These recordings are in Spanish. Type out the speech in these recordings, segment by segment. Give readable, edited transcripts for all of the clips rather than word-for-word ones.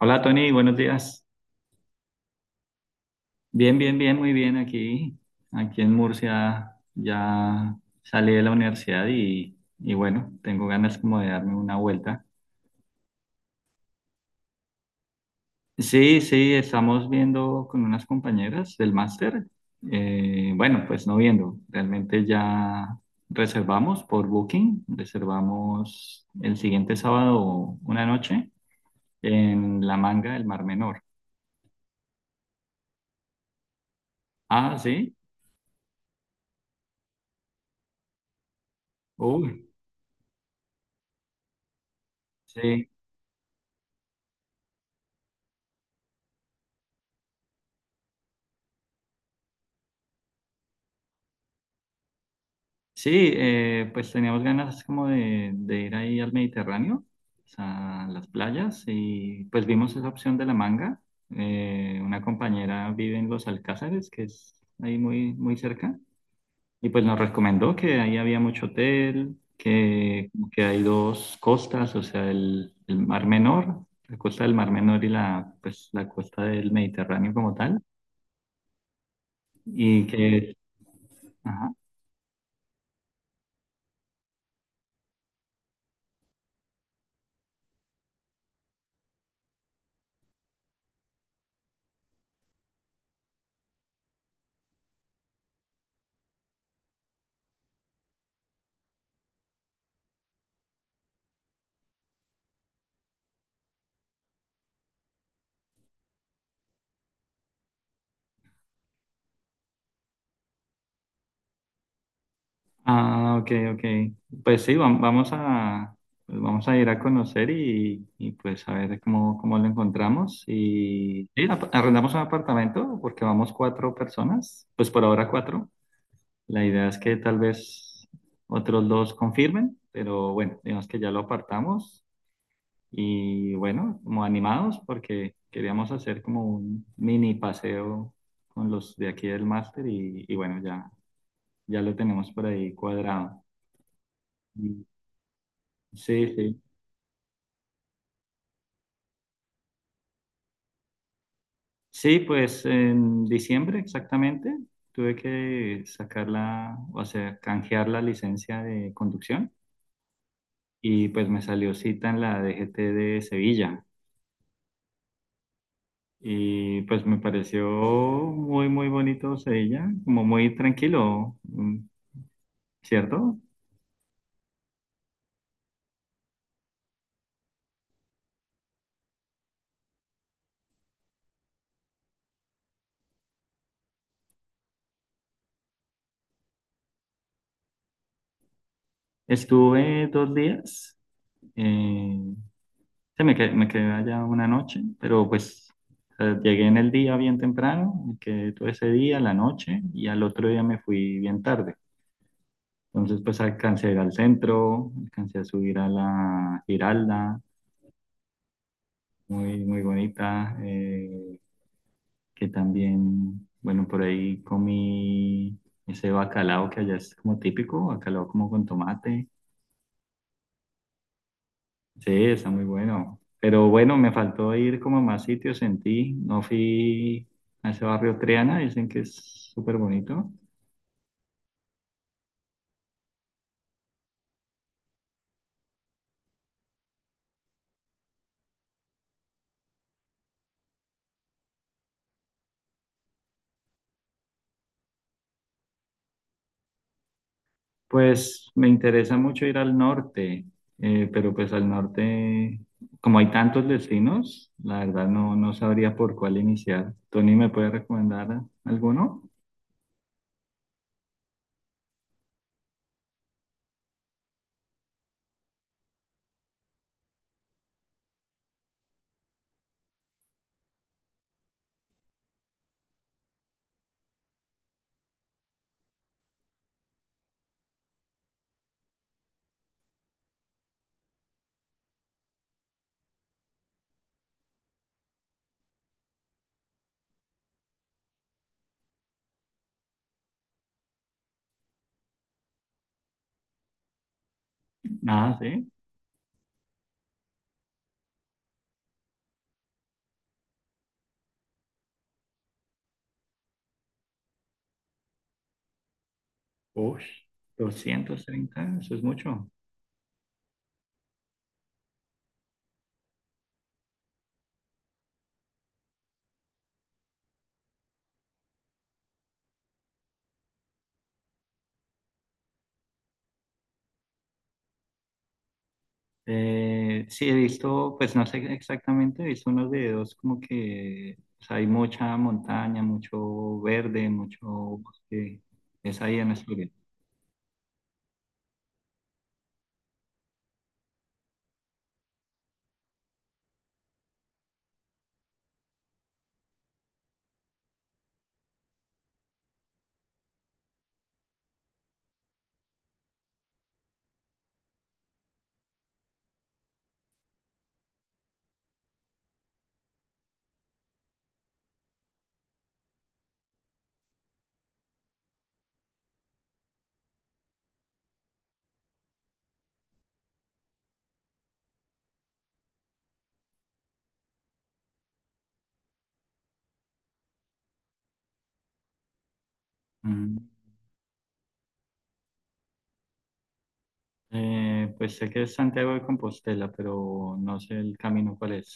Hola Tony, buenos días. Bien, bien, bien, muy bien aquí. Aquí en Murcia ya salí de la universidad y bueno, tengo ganas como de darme una vuelta. Sí, sí, estamos viendo con unas compañeras del máster. Bueno, pues no viendo, realmente ya reservamos por Booking, reservamos el siguiente sábado una noche en La Manga del Mar Menor. Ah, sí, uy, sí, sí, pues teníamos ganas como de, ir ahí al Mediterráneo, o sea, a las playas, y pues vimos esa opción de la manga. Una compañera vive en Los Alcázares, que es ahí muy, muy cerca, y pues nos recomendó que ahí había mucho hotel, que hay dos costas, o sea, el Mar Menor, la costa del Mar Menor y la, pues, la costa del Mediterráneo como tal, y que... ajá, ah, ok, ok. Pues sí, vamos a, pues vamos a ir a conocer y pues a ver cómo lo encontramos. Y sí, arrendamos un apartamento porque vamos cuatro personas, pues por ahora cuatro. La idea es que tal vez otros dos confirmen, pero bueno, digamos que ya lo apartamos. Y bueno, como animados porque queríamos hacer como un mini paseo con los de aquí del máster y bueno, ya, ya lo tenemos por ahí cuadrado. Sí, sí. Sí, pues en diciembre exactamente tuve que sacar la, o sea, canjear la licencia de conducción y pues me salió cita en la DGT de Sevilla y pues me pareció muy, muy bonito Sevilla, como muy tranquilo, ¿cierto? Estuve 2 días, eh, sí, me quedé allá una noche, pero pues llegué en el día bien temprano, me quedé todo ese día, la noche, y al otro día me fui bien tarde. Entonces pues alcancé a ir al centro, alcancé a subir a la Giralda, muy, muy bonita, que también, bueno, por ahí comí ese bacalao que allá es como típico, bacalao como con tomate. Sí, está muy bueno. Pero bueno, me faltó ir como a más sitios en ti. No fui a ese barrio Triana, dicen que es súper bonito. Pues me interesa mucho ir al norte, pero pues al norte, como hay tantos destinos, la verdad no, no sabría por cuál iniciar. ¿Tony me puede recomendar alguno? Nada, sí. Uy, 230, eso es mucho. Sí, he visto, pues no sé exactamente, he visto unos videos como que o sea, hay mucha montaña, mucho verde, mucho bosque. Es ahí en Asturias. Mm. Pues sé que es Santiago de Compostela, pero no sé el camino cuál es.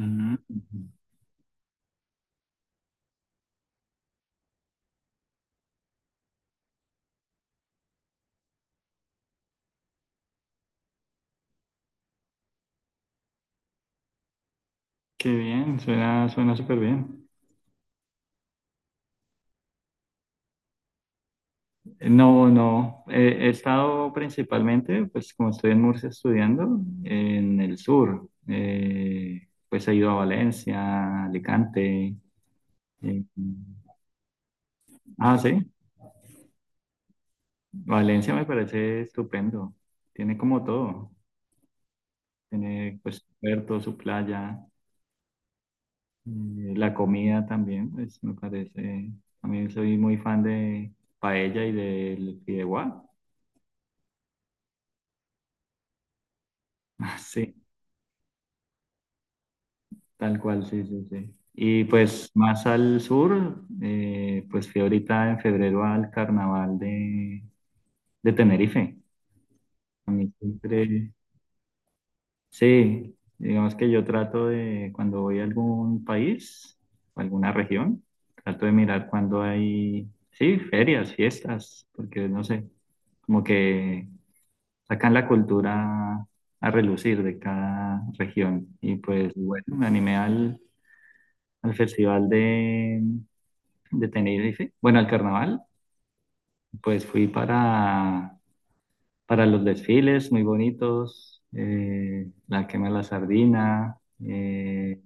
Mm. Qué bien, suena, suena súper bien. No, no, he estado principalmente, pues como estoy en Murcia estudiando, en el sur. Pues he ido a Valencia, Alicante. Eh, ah, sí, Valencia me parece estupendo. Tiene como todo. Tiene pues su puerto, su playa, eh, la comida también, pues me parece. A mí soy muy fan de paella y del fideuá. Sí, tal cual, sí, sí, sí. Y pues más al sur, pues fui ahorita en febrero al carnaval de, Tenerife. A mí siempre, sí, digamos que yo trato de, cuando voy a algún país, o alguna región, trato de mirar cuando hay, sí, ferias, fiestas, porque no sé, como que sacan la cultura a relucir de cada región. Y pues bueno, me animé al festival de, Tenerife, bueno, al carnaval, pues fui para los desfiles muy bonitos, la quema de la sardina. eh,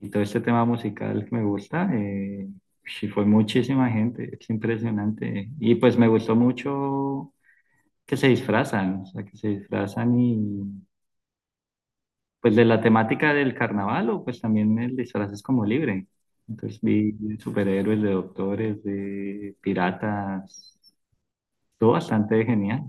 Y todo este tema musical que me gusta, sí fue muchísima gente, es impresionante. Y pues me gustó mucho que se disfrazan, o sea, que se disfrazan y pues de la temática del carnaval o pues también el disfraz es como libre. Entonces vi de superhéroes, de doctores, de piratas, todo bastante genial.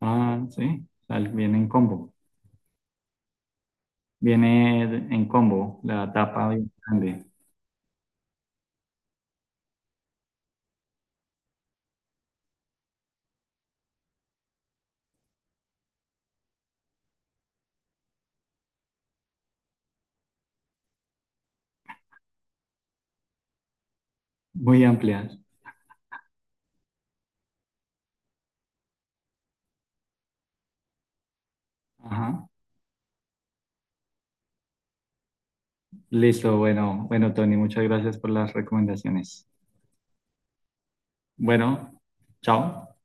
Ah, sí, viene en combo. Viene en combo, la tapa bien grande, muy amplia. Ajá. Listo, bueno, bueno, Tony, muchas gracias por las recomendaciones. Bueno, chao.